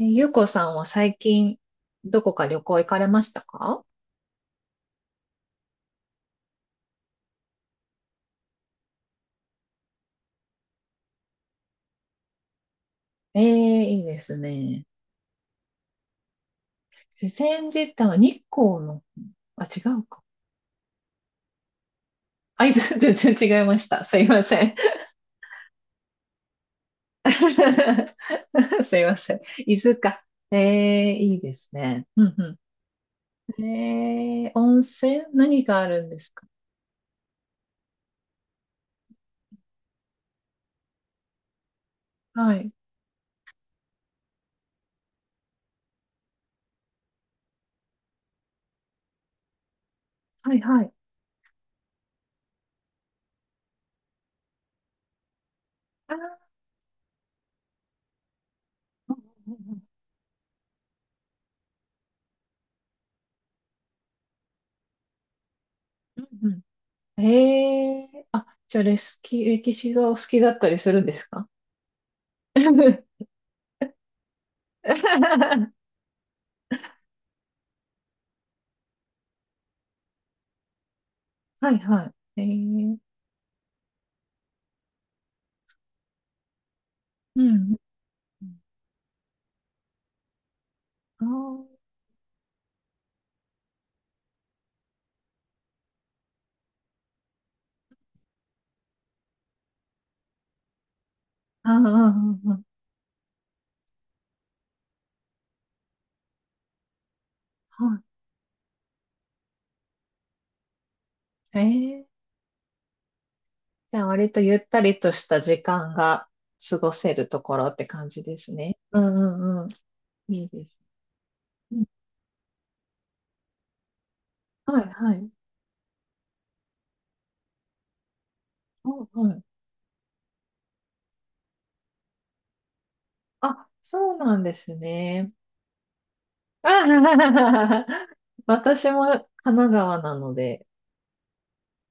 ゆうこさんは最近、どこか旅行行かれましたか？ええ、いいですね。自然自体は日光の、あ、違うか。あ、いず 全然違いました。すいません。すいません。伊豆か。ええ、いいですね。うんうん。ええ、温泉何があるんですか？はい。はいはい。あー、うんうんうんうん、ええ、あ、じゃあ、レスキ、歴史がお好きだったりするんですか？ はいはい。うん。あーあー、あん、はい。じゃあ割とゆったりとした時間が過ごせるところって感じですね。うんうんうん。いいです。うん、はいはい。お、はい。あ、そうなんですね。あはははは、私も神奈川なので、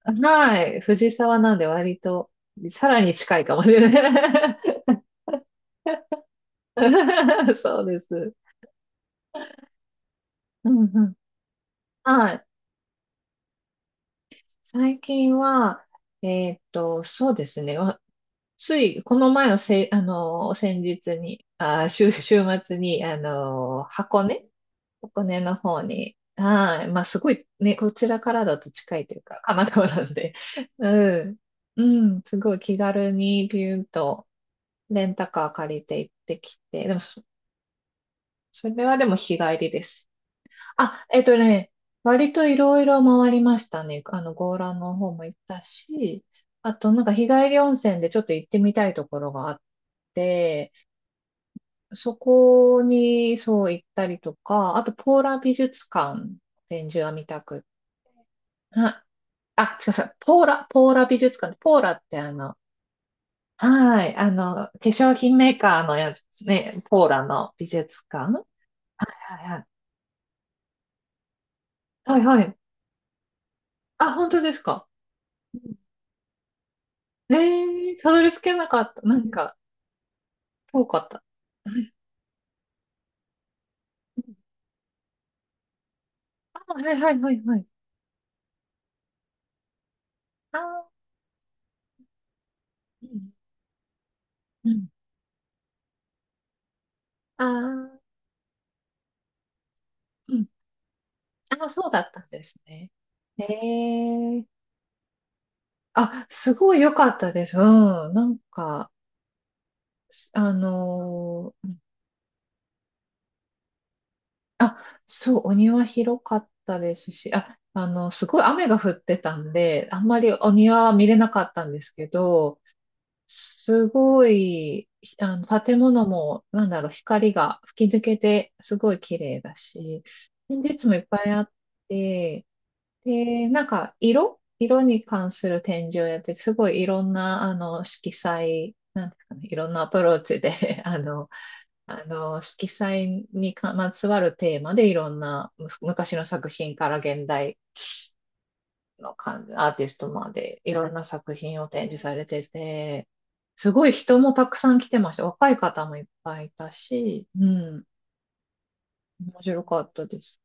はい、藤沢なんで割とさらに近いかもしれない。そうです。うんうん。はい。最近は、そうですね。つい、この前のせ、先日に、週末に、箱根の方に、はい、まあ、すごい、ね、こちらからだと近いというか、神奈川なんで、うん、うん、すごい気軽にビューンとレンタカー借りて行ってきて、でもそ、それはでも日帰りです。あ、えっとね、割といろいろ回りましたね。あの、強羅の方も行ったし、あとなんか日帰り温泉でちょっと行ってみたいところがあって、そこにそう行ったりとか、あとポーラ美術館、展示は見たく、は、あ、違う違う、ポーラ、ポーラ美術館、ポーラってあの、はい、あの、化粧品メーカーのやつね、ポーラの美術館。はいはい。はいはい。あ、本当ですか。ええ、たどり着けなかった。なんか、遠かった。はい、あ、はいはいはいはい。ああ、うん。うん、ああ、うん。ああ、そうだったんですね。ええ、あ、すごい良かったです。うん。なんか、すあのーあ、そう、お庭広かったですし、あ、あの、すごい雨が降ってたんで、あんまりお庭は見れなかったんですけど、すごい、あの、建物も、なんだろう、光が吹き抜けて、すごい綺麗だし、展示室もいっぱいあって、で、なんか、色に関する展示をやって、すごいいろんな、あの、色彩、なんですかね、いろんなアプローチで、あの、あの、色彩にまつわるテーマで、いろんな、昔の作品から現代の感じ、アーティストまでいろんな作品を展示されてて、すごい人もたくさん来てました。若い方もいっぱいいたし、うん、面白かったです。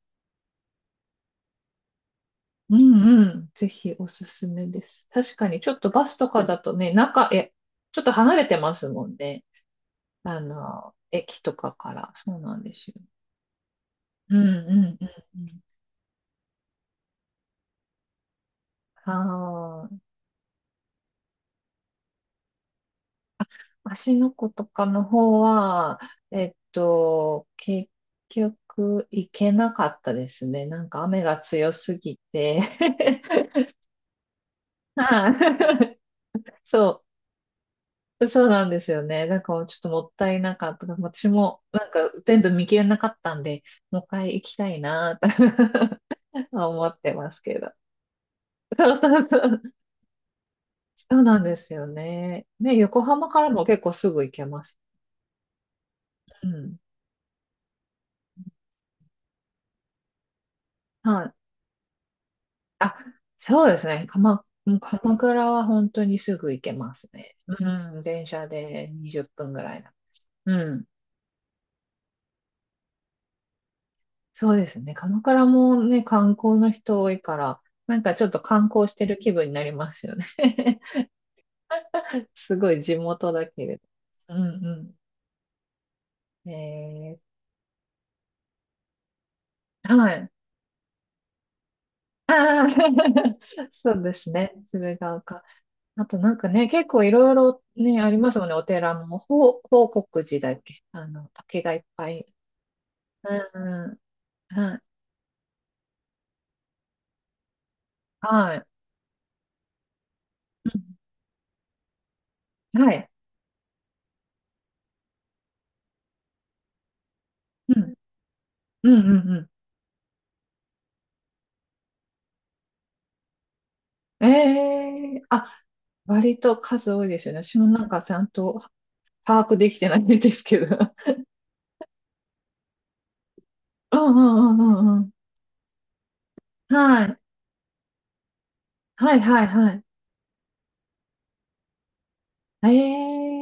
うんうん、ぜひおすすめです。確かにちょっとバスとかだとね、ちょっと離れてますもんね。あの、駅とかから。そうなんですよ。うんうんうんうん。はーい。芦ノ湖とかの方は、結局行けなかったですね。なんか雨が強すぎて はい。そそうなんですよね。なんからちょっともったいなかった。私もなんか全部見切れなかったんで、もう一回行きたいなぁと 思ってますけど。そうそうそう。そうなんですよね。ね、横浜からも結構すぐ行けます。うん。はい。あ、そうですね。もう鎌倉は本当にすぐ行けますね。うん、電車で20分ぐらいな。うん、そうですね。鎌倉もね、観光の人多いから、なんかちょっと観光してる気分になりますよね。すごい地元だけれど。うんうん。えー、はい。ああ、そうですね。鶴岡。あとなんかね、結構いろいろね、ありますもんね。お寺も、報国寺だっけ、あの、竹がいっぱい、うん、はい、はい、うん、はい、うん、うん、うん。うん、ええ、あ、割と数多いですよね。私もなんかちゃんと把握できてないんですけど。うんうんうんうんうん。はい。はいはいはい。ええ、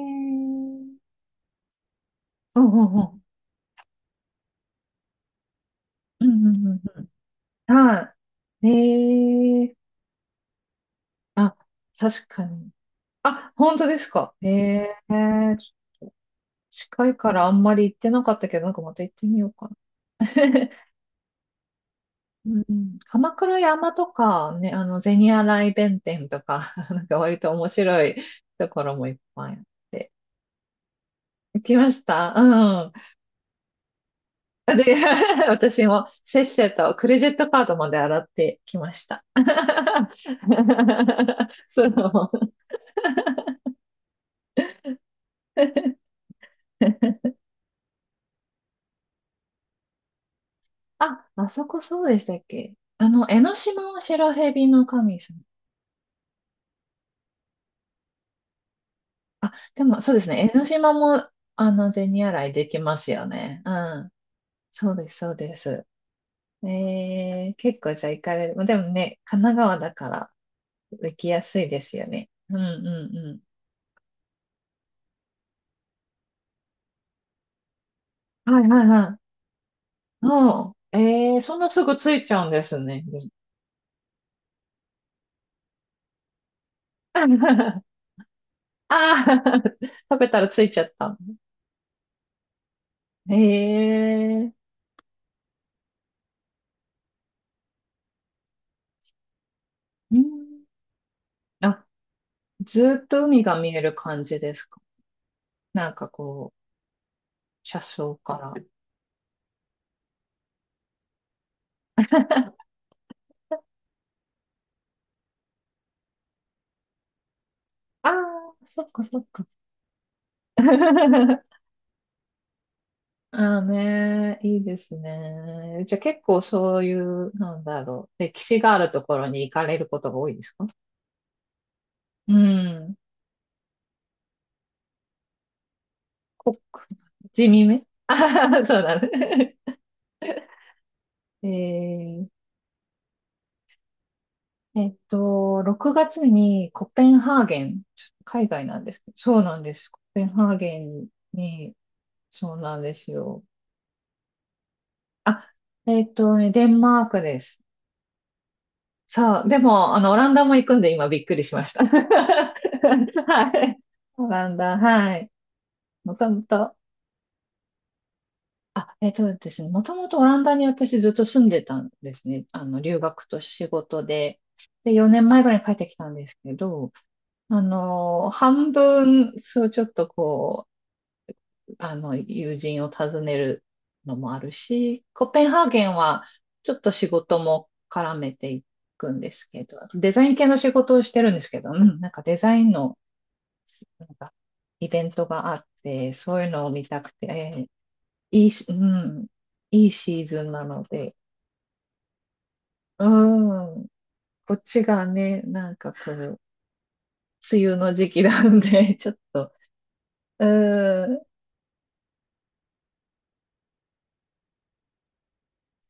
うんうんうんうんうんうんうん。はい。ええ、あ、確かに。あ、本当ですか。ええ、近いからあんまり行ってなかったけど、なんかまた行ってみようかな。うん、鎌倉山とか、ね、あの、銭洗弁天とか、なんか割と面白いところもいっぱいあって。行きました、うん。で、私もせっせとクレジットカードまで洗ってきました。そう。あ、あそこそうでしたっけ、あの、江ノ島は白蛇の神様。あ、でもそうですね。江ノ島も、あの、銭洗いできますよね。うん。そうです、そうです。ええ、結構じゃあ行かれる。まあでもね、神奈川だから行きやすいですよね。うんうんうん。はいはいはい。お、う、ええ、そんなすぐついちゃうんですね。ああ、食べたらついちゃった。ええ、うん。あ、ずーっと海が見える感じですか。なんかこう、車窓から。ああ、そっかそっか。ああね、いいですね。じゃあ結構そういう、なんだろう、歴史があるところに行かれることが多いですか？うん。こ、地味め、ああ、そうだね。えー6月にコペンハーゲン、ちょっと海外なんですけど、そうなんです。コペンハーゲンに、そうなんですよ。あ、デンマークです。そう、でも、あの、オランダも行くんで今びっくりしました。はい。オランダ、はい。もともと、えっとですね、もともとオランダに私ずっと住んでたんですね。あの、留学と仕事で。で、4年前ぐらいに帰ってきたんですけど、あの、半分、そう、ちょっとこあの、友人を訪ねるのもあるし、コペンハーゲンはちょっと仕事も絡めていくんですけど、デザイン系の仕事をしてるんですけど、うん、なんかデザインの、なんかイベントがあって、そういうのを見たくて、いいし、うん、いいシーズンなので、うん、こっちがね、なんかこう、梅雨の時期なんで、ちょっと、うん、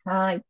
はい。